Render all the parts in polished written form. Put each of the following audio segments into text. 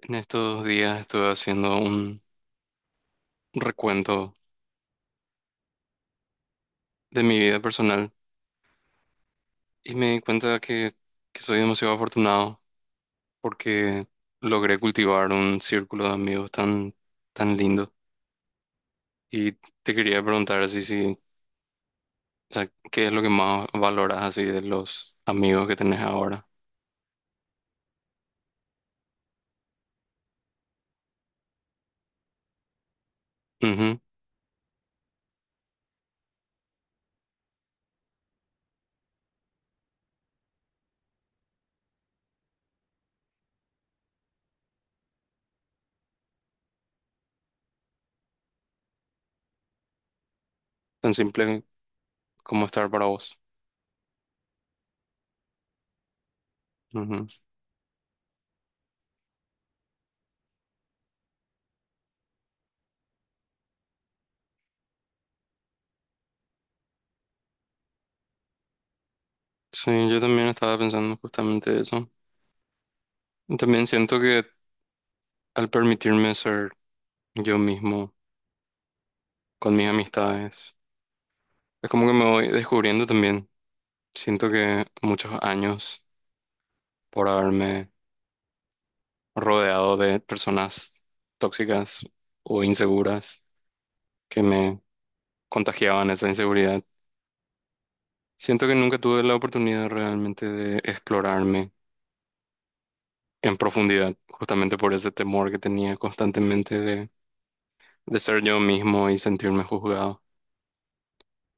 En estos días estuve haciendo un recuento de mi vida personal y me di cuenta que soy demasiado afortunado porque logré cultivar un círculo de amigos tan lindo. Y te quería preguntar así si, o sea, ¿qué es lo que más valoras así de los amigos que tenés ahora? Ujú. Tan simple como estar para vos. Ujú. Sí, yo también estaba pensando justamente eso. Y también siento que al permitirme ser yo mismo con mis amistades, es como que me voy descubriendo también. Siento que muchos años por haberme rodeado de personas tóxicas o inseguras que me contagiaban esa inseguridad. Siento que nunca tuve la oportunidad realmente de explorarme en profundidad, justamente por ese temor que tenía constantemente de ser yo mismo y sentirme juzgado.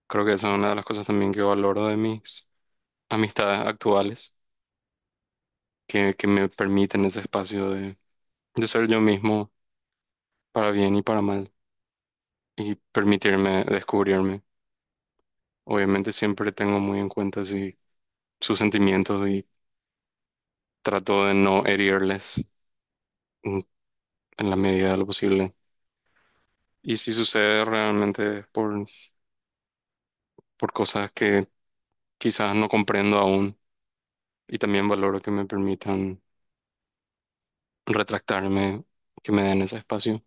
Creo que esa es una de las cosas también que valoro de mis amistades actuales, que me permiten ese espacio de ser yo mismo para bien y para mal, y permitirme descubrirme. Obviamente siempre tengo muy en cuenta sí, sus sentimientos y trato de no herirles en, en la medida de lo posible. Y si sucede realmente por cosas que quizás no comprendo aún, y también valoro que me permitan retractarme, que me den ese espacio.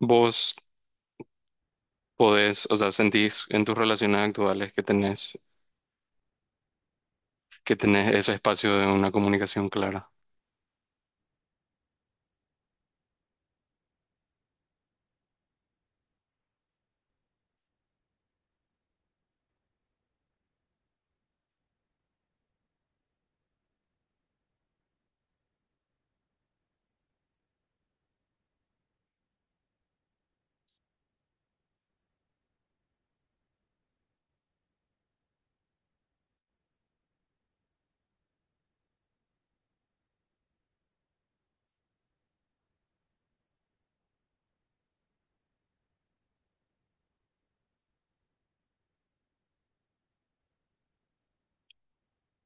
Vos podés, o sea, sentís en tus relaciones actuales que tenés ese espacio de una comunicación clara.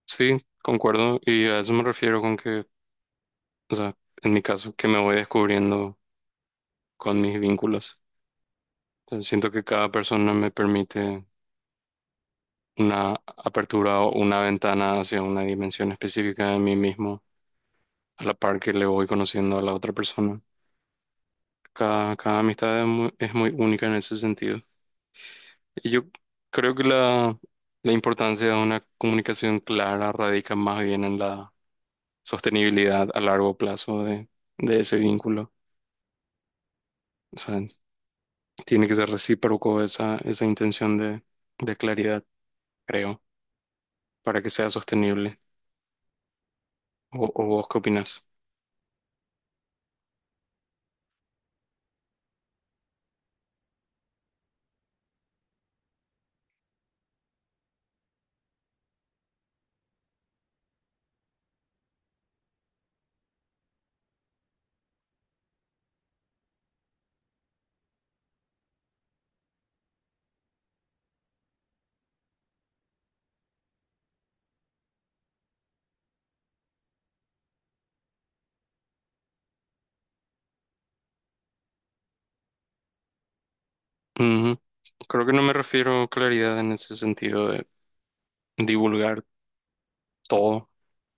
Sí, concuerdo. Y a eso me refiero con que, o sea, en mi caso, que me voy descubriendo con mis vínculos. O siento que cada persona me permite una apertura o una ventana hacia una dimensión específica de mí mismo, a la par que le voy conociendo a la otra persona. Cada amistad es muy única en ese sentido. Y yo creo que la importancia de una comunicación clara radica más bien en la sostenibilidad a largo plazo de ese vínculo. O sea, tiene que ser recíproco esa intención de claridad, creo, para que sea sostenible. O vos qué opinás? Ujú. Creo que no me refiero a claridad en ese sentido de divulgar todo,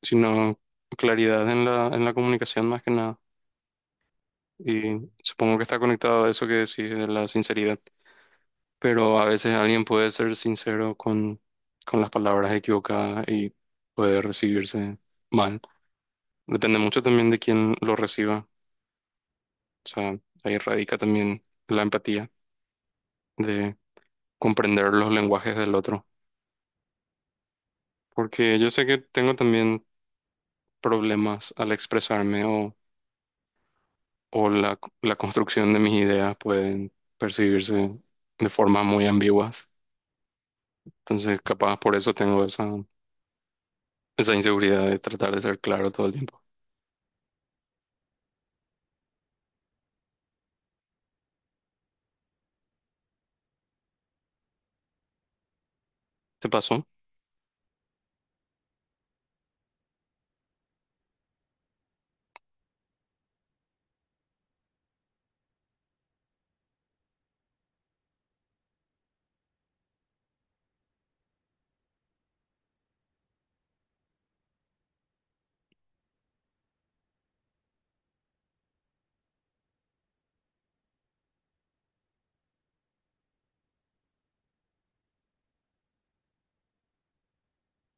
sino claridad en la comunicación más que nada. Y supongo que está conectado a eso que decís de la sinceridad. Pero a veces alguien puede ser sincero con las palabras equivocadas y puede recibirse mal. Depende mucho también de quién lo reciba. O sea, ahí radica también la empatía de comprender los lenguajes del otro. Porque yo sé que tengo también problemas al expresarme o la construcción de mis ideas pueden percibirse de formas muy ambiguas. Entonces, capaz por eso tengo esa inseguridad de tratar de ser claro todo el tiempo. ¿Te pasó?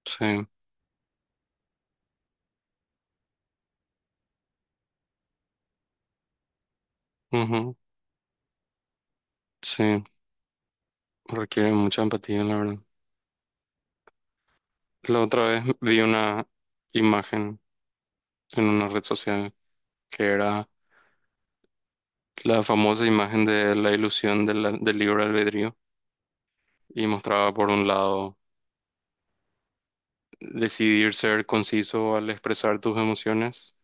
Sí. Ujú. Sí, requiere mucha empatía, la verdad. La otra vez vi una imagen en una red social que era la famosa imagen de la ilusión de la- del libre albedrío y mostraba por un lado decidir ser conciso al expresar tus emociones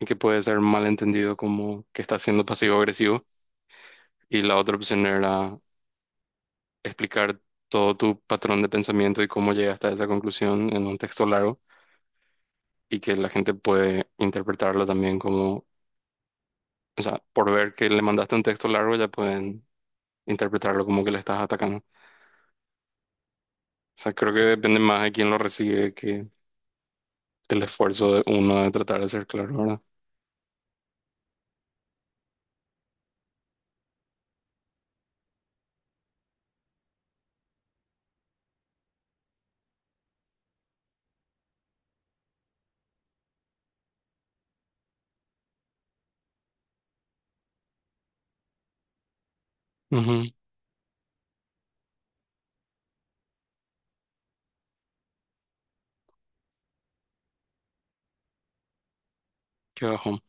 y que puede ser malentendido como que estás siendo pasivo-agresivo, y la otra opción era explicar todo tu patrón de pensamiento y cómo llegaste a esa conclusión en un texto largo, y que la gente puede interpretarlo también como, o sea, por ver que le mandaste un texto largo ya pueden interpretarlo como que le estás atacando. O sea, creo que depende más de quién lo recibe que el esfuerzo de uno de tratar de ser claro, ¿verdad? Ujú, qué bajón.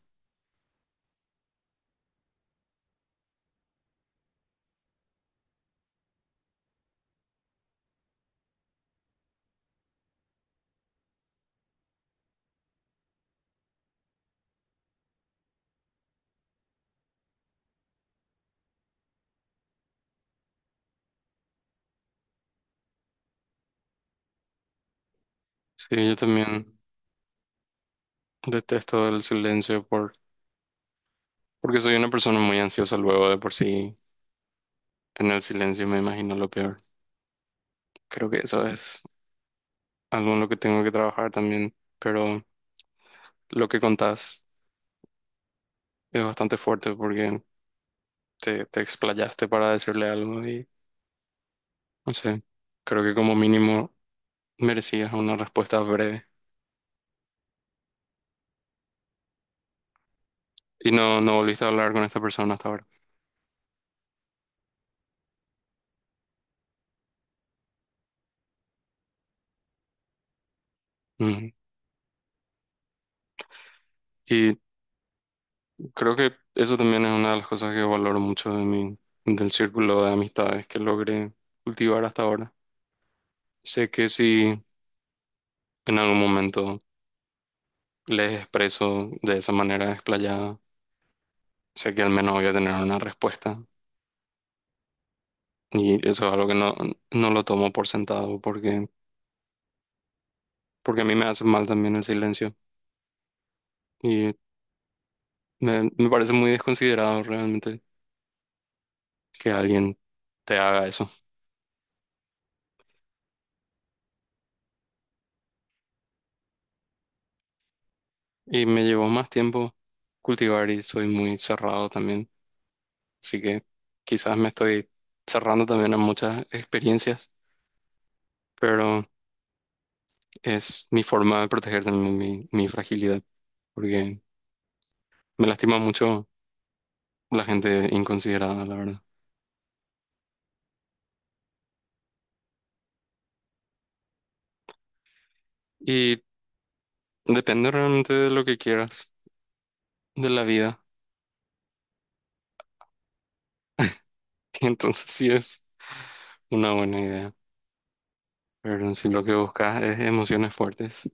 Sí, yo también detesto el silencio porque soy una persona muy ansiosa luego de por sí. En el silencio me imagino lo peor. Creo que eso es algo en lo que tengo que trabajar también. Pero lo que contás es bastante fuerte porque te explayaste para decirle algo y no sé. Creo que como mínimo merecías una respuesta breve. Y no, no volviste a hablar con esta persona hasta ahora. Ujú. Y creo que eso también es una de las cosas que valoro mucho de del círculo de amistades que logré cultivar hasta ahora. Sé que si en algún momento les expreso de esa manera desplayada, sé que al menos voy a tener una respuesta. Y eso es algo que no, no lo tomo por sentado porque a mí me hace mal también el silencio. Y me parece muy desconsiderado realmente que alguien te haga eso. Y me llevó más tiempo cultivar y soy muy cerrado también. Así que quizás me estoy cerrando también a muchas experiencias, pero es mi forma de proteger también mi fragilidad, porque me lastima mucho la gente inconsiderada, la verdad. Y depende realmente de lo que quieras, de la vida. Entonces sí es una buena idea, pero si lo que buscas es emociones fuertes,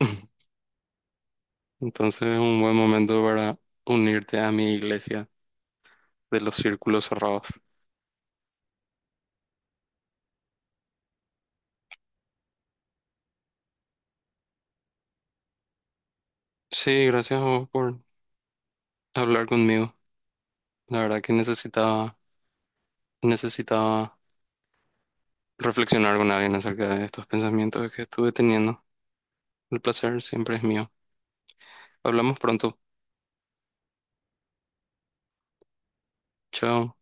entonces es un buen momento para unirte a mi iglesia de los círculos cerrados. Sí, gracias a vos por hablar conmigo. La verdad que necesitaba reflexionar con alguien acerca de estos pensamientos que estuve teniendo. El placer siempre es mío. Hablamos pronto. Chao.